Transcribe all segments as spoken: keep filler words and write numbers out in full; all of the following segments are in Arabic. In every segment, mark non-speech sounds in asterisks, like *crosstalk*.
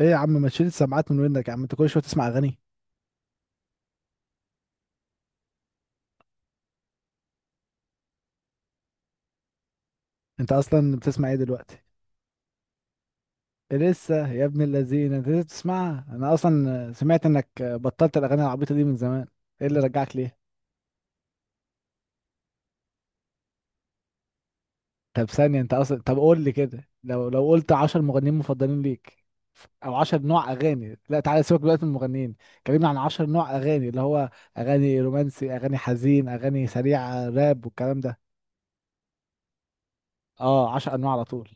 ايه يا عم ما تشيل السماعات من ودنك يا عم، انت كل شويه تسمع اغاني؟ انت اصلا بتسمع ايه دلوقتي؟ لسه؟ يا ابن الذين انت لسه بتسمعها؟ انا اصلا سمعت انك بطلت الاغاني العبيطه دي من زمان. ايه اللي رجعك ليه؟ طب ثانيه، انت اصلا، طب قول لي كده، لو لو قلت عشرة مغنيين مفضلين ليك او عشرة نوع اغاني. لا تعالى سيبك دلوقتي من المغنيين، كلمني عن عشرة نوع اغاني، اللي هو اغاني رومانسي، اغاني حزين، اغاني سريعه، راب والكلام ده. اه، عشرة انواع على طول.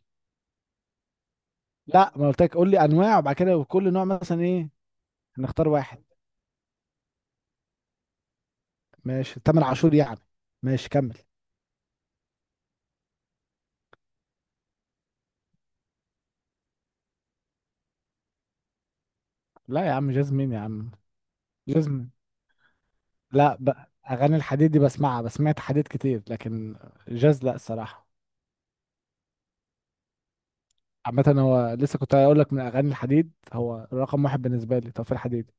لا ما قلت لك، قول لي انواع وبعد كده كل نوع مثلا ايه. هنختار واحد. ماشي، تامر عاشور يعني. ماشي كمل. لا يا عم، جازمين يا عم، جازمين. لا بقى، اغاني الحديد دي بسمعها، بسمعت حديد كتير لكن جاز لا الصراحه. عامه، هو لسه كنت هقول لك من اغاني الحديد هو رقم واحد بالنسبه لي، توفيق الحديد.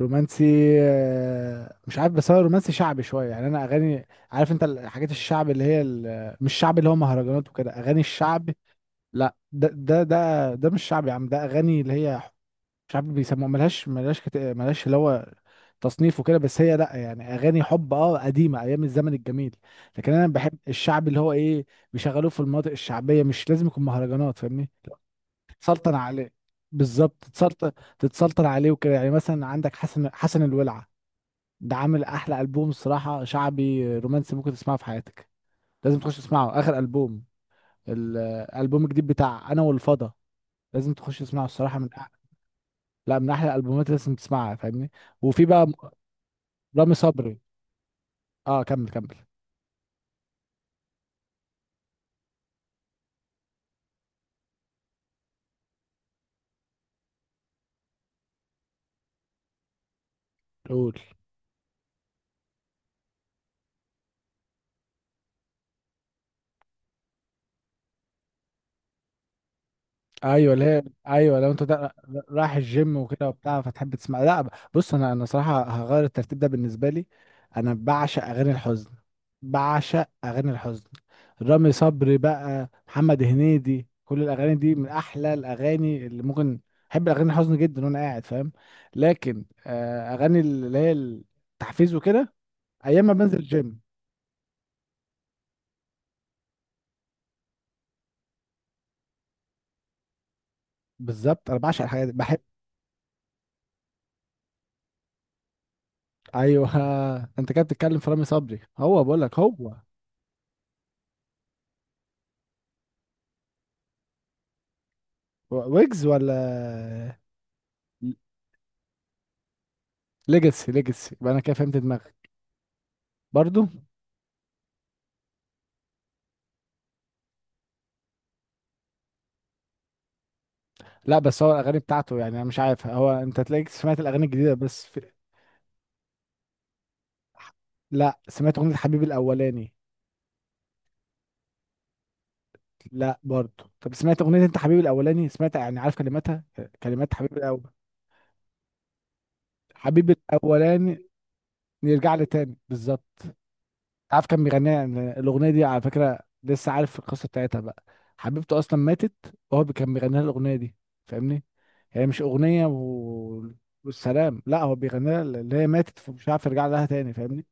رومانسي، آه، مش عارف، بس هو رومانسي شعبي شويه يعني. انا اغاني، عارف انت الحاجات الشعب اللي هي ال- مش شعب اللي هو مهرجانات وكده، اغاني الشعب. لا، ده ده ده ده مش شعبي يا عم، ده اغاني اللي هي مش عارف بيسموها، ملهاش ملهاش كت... ملهاش اللي هو تصنيف وكده، بس هي، لا يعني اغاني حب، اه قديمه، ايام الزمن الجميل. لكن انا بحب الشعب اللي هو ايه، بيشغلوه في المناطق الشعبيه، مش لازم يكون مهرجانات، فاهمني؟ لو تتسلطن عليه. بالظبط تتسلطن. تتسلطن عليه وكده، يعني مثلا عندك حسن، حسن الولعه. ده عامل احلى البوم الصراحه شعبي رومانسي ممكن تسمعه في حياتك. لازم تخش تسمعه، اخر البوم، الالبوم الجديد بتاع انا والفضا. لازم تخش تسمعه الصراحه من، لا من احلى الالبومات اللي لازم تسمعها، فاهمني؟ وفي بقى م- رامي صبري. اه كمل كمل. قول. ايوه اللي هي، ايوه لو انت دا- رايح الجيم وكده وبتاع فتحب تسمع؟ لا. بص، انا انا صراحه هغير الترتيب ده بالنسبه لي، انا بعشق اغاني الحزن، بعشق اغاني الحزن. رامي صبري بقى، محمد هنيدي، كل الاغاني دي من احلى الاغاني اللي ممكن. احب الاغاني الحزن جدا وانا قاعد، فاهم؟ لكن آه، اغاني اللي هي التحفيز وكده، ايام ما بنزل الجيم. بالظبط، انا بعشق الحاجات دي، بحب. *laughs* ايوه. انت كده بتتكلم في رامي صبري، هو بقول لك هو. ويجز ولا ليجاسي؟ ليجاسي يبقى، انا كده فهمت دماغك. برضو. لا بس هو الاغاني بتاعته يعني، انا مش عارف، هو انت تلاقيك سمعت الاغاني الجديده، بس في... لا سمعت اغنيه حبيبي الاولاني. لا برضو، طب سمعت اغنيه، انت حبيبي الاولاني سمعت يعني، عارف كلماتها؟ كلمات حبيبي الاول، حبيبي الاولاني، يرجع لي تاني، بالظبط. عارف كان بيغنيها الاغنيه دي على فكره؟ لسه عارف القصه بتاعتها بقى، حبيبته اصلا ماتت، وهو بي- كان بيغني لها الاغنيه دي، فاهمني؟ هي مش اغنيه و... والسلام، لا هو بيغني لها اللي هي ماتت، فمش عارف يرجع لها تاني، فاهمني؟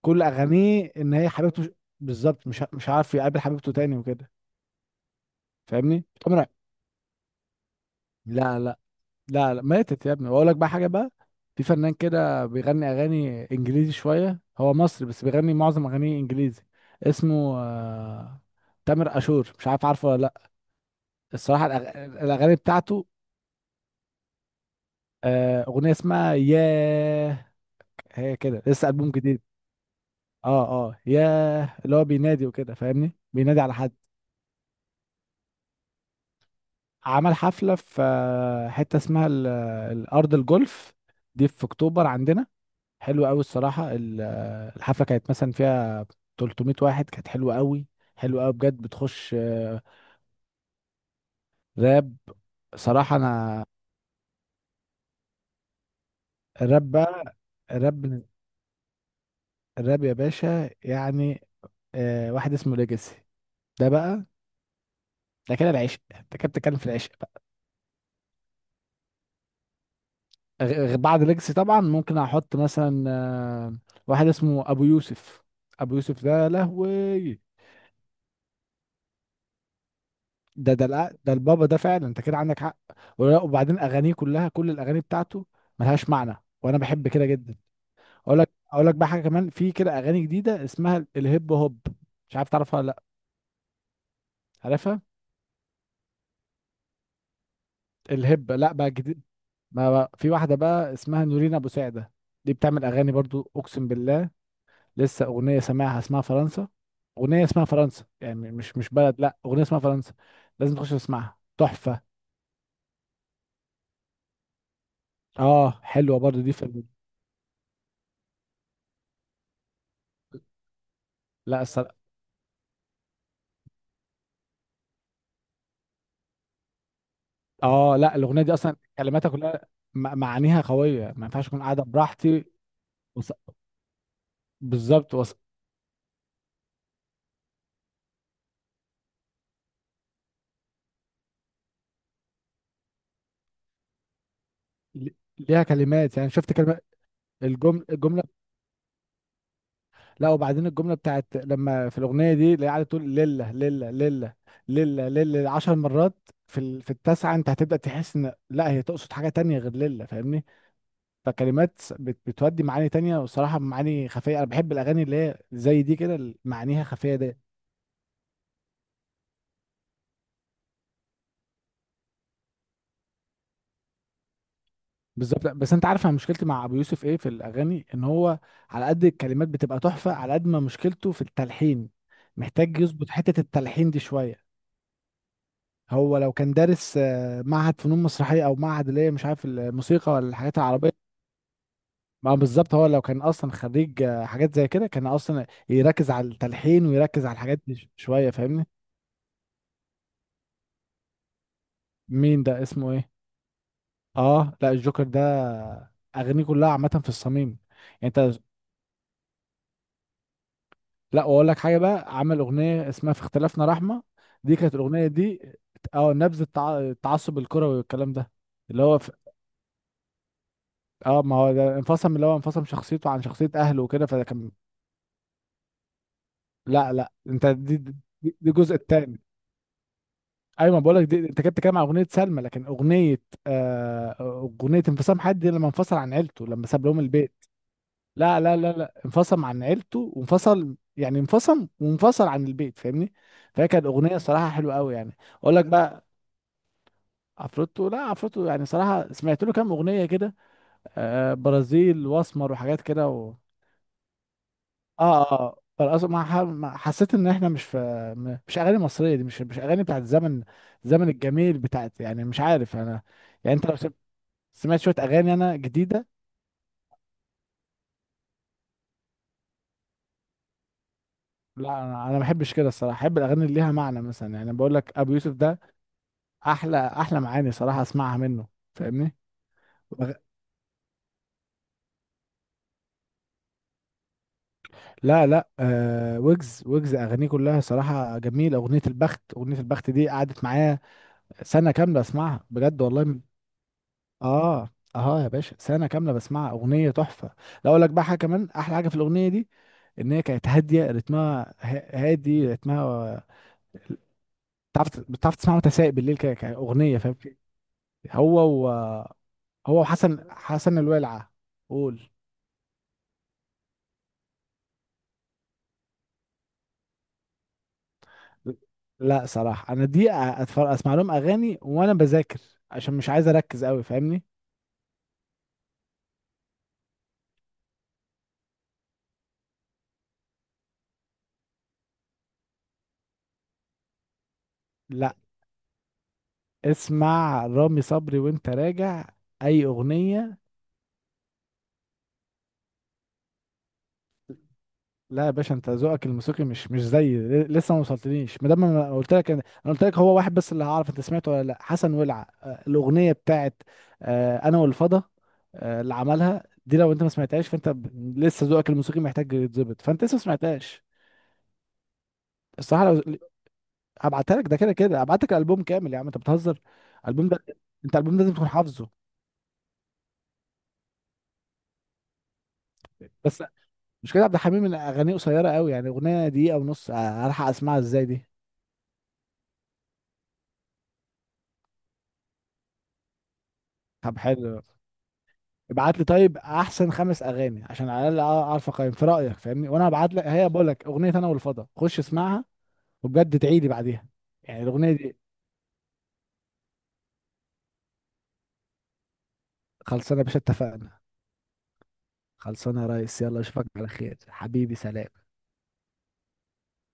كل اغانيه ان هي حبيبته مش... بالظبط، مش ع- مش عارف يقابل حبيبته تاني وكده، فاهمني عمرك؟ لا لا لا لا، ماتت يا ابني. واقول لك بقى حاجه بقى، في فنان كده بيغني اغاني انجليزي شويه، هو مصري بس بيغني معظم اغانيه انجليزي، اسمه آه، تامر اشور، مش عارف عارفه ولا لا؟ الصراحه الأغ- الاغاني بتاعته، آه، اغنيه اسمها ياه، هي كده لسه البوم جديد. اه اه، ياه، اللي هو بينادي وكده، فاهمني؟ بينادي على حد. عمل حفله في آه، حته اسمها ال- الارض الجولف، دي في اكتوبر عندنا، حلو قوي الصراحه. ال- الحفله كانت مثلا فيها ثلاثمائة واحد، كانت حلوه قوي، حلوه قوي بجد، بتخش آه، راب. صراحه انا، الراب بقى، الراب، الراب يا باشا يعني، آه، واحد اسمه ليجاسي، ده بقى، ده كده العشق، انت كده بتتكلم في العشق بقى. غ- غ- بعد ليجاسي طبعا، ممكن احط مثلا آه، واحد اسمه ابو يوسف. ابو يوسف ده لهوي. ده ده الأ- ده البابا ده فعلا، انت كده عندك حق. ولا- وبعدين اغانيه كلها، كل الاغاني بتاعته ملهاش معنى، وانا بحب كده جدا. اقول لك اقول لك بقى حاجه، كمان في كده اغاني جديده اسمها الهيب هوب، مش عارف تعرفها ولا لا؟ عارفها. الهيب لا بقى جديد. ما بقى في واحده بقى اسمها نورين ابو سعده، دي بتعمل اغاني برضو اقسم بالله. لسه اغنيه سامعها اسمها فرنسا، اغنيه اسمها فرنسا، يعني مش مش بلد، لا اغنيه اسمها فرنسا، لازم تخش تسمعها، تحفه. اه حلوه برضو دي في ال- لا. اه لا، الاغنيه دي اصلا كلماتها كلها، م- معانيها قويه، ما ينفعش اكون قاعده براحتي. وص... بالظبط وص... ل- ليها كلمات، يعني شفت كلمه؟ الجمله، الجمله. لا وبعدين الجمله بتاعت لما، في الاغنيه دي اللي قاعده تقول لله لله لله لله لله عشر مرات، في ال... في التاسعه، انت هتبدا تحس ان لا هي تقصد حاجه تانية غير لله، فاهمني؟ فكلمات بت... بتودي معاني تانية، وصراحه معاني خفيه، انا بحب الاغاني اللي هي زي دي كده، اللي معانيها خفيه دي. بالظبط. لأ، بس انت عارف انا مشكلتي مع ابو يوسف ايه في الاغاني؟ ان هو على قد الكلمات بتبقى تحفه، على قد ما مشكلته في التلحين، محتاج يظبط حته التلحين دي شويه. هو لو كان دارس آه، معهد فنون مسرحيه، او معهد اللي هي مش عارف الموسيقى، ولا الحاجات العربيه، ما بالظبط، هو لو كان اصلا خريج آه، حاجات زي كده، كان اصلا يركز على التلحين ويركز على الحاجات دي ش- شويه، فاهمني؟ مين ده، اسمه ايه؟ اه لا، الجوكر ده اغانيه كلها عامه في الصميم، يعني انت. لا واقول لك حاجه بقى، عمل اغنيه اسمها في اختلافنا رحمه، دي كانت الاغنيه دي، اه نبذ التع- التعصب الكروي والكلام ده، اللي هو في... اه ما هو ده انفصم، اللي هو انفصم شخصيته عن شخصيه اهله وكده، فده كان. لا لا، انت دي دي, دي الجزء الثاني. ايوه ما بقول لك، دي انت كنت بتتكلم عن اغنيه سلمى، لكن اغنيه آه، اغنيه انفصام حد دي لما انفصل عن عيلته، لما ساب لهم البيت. لا لا لا لا، انفصم عن عيلته وانفصل، يعني انفصم وانفصل عن البيت، فاهمني؟ فهي كانت اغنيه صراحه حلوه قوي يعني. اقول لك بقى، عفروتو. لا عفروتو يعني صراحة، سمعت له كام أغنية كده، آه برازيل واسمر وحاجات كده و... اه اه، فالأص- ما ح- ما حسيت ان احنا مش في، م- مش اغاني مصرية دي، مش مش اغاني بتاعت زمن، الزمن الجميل بتاعت، يعني مش عارف انا، يعني انت لو سم- سمعت شوية اغاني انا جديدة. لا انا انا ما بحبش كده الصراحة، احب الاغاني اللي ليها معنى، مثلا يعني بقول لك ابو يوسف ده احلى احلى معاني صراحة اسمعها منه، فاهمني؟ لا لا، آه ويجز، ويجز اغانيه كلها صراحه جميله، اغنيه البخت، اغنيه البخت دي قعدت معايا سنه كامله اسمعها، بجد والله م- اه. اه يا باشا، سنه كامله بسمعها، اغنيه تحفه. لا اقول لك بقى حاجه، كمان احلى حاجه في الاغنيه دي، ان هي كانت هاديه رتمها، ه- هادي رتمها. بتعرف بتعرف تسمعها وانت سايق بالليل كده كاغنيه، فاهم؟ هو و... هو وحسن، حسن الولعه. قول. لا صراحة انا دي اتفرج اسمع لهم اغاني وانا بذاكر، عشان مش عايز اركز قوي، فاهمني؟ لا اسمع رامي صبري وانت راجع، اي اغنية. لا يا باشا، انت ذوقك الموسيقي مش مش زي ل- لسه ما وصلتنيش، ما دام انا قلت لك انا قلت لك هو واحد بس اللي هعرف انت سمعته ولا لا، حسن ولع، آه، الاغنية بتاعت آه، انا والفضا، آه، اللي عملها دي، لو انت ما سمعتهاش فانت ب- لسه ذوقك الموسيقي محتاج يتظبط، فانت لسه ما سمعتهاش. الصراحة لو هبعتها لك، ده كده كده هبعت لك الالبوم كامل يا عم، انت بتهزر. الالبوم ده، انت الالبوم ده لازم تكون حافظه. بس مش كده، عبد الحميد من اغانيه قصيره قوي، يعني اغنيه دقيقه ونص، أ- الحق اسمعها ازاي دي؟ طب حلو، ابعت لي طيب احسن خمس اغاني، عشان على الاقل اعرف اقيم في رايك، فاهمني؟ وانا هبعت لك، هي بقول لك اغنيه انا والفضا، خش اسمعها، وبجد تعيدي بعديها، يعني الاغنيه دي. خلصانه يا باشا، اتفقنا. خلصانه يا ريس، يلا اشوفك على خير حبيبي، سلام.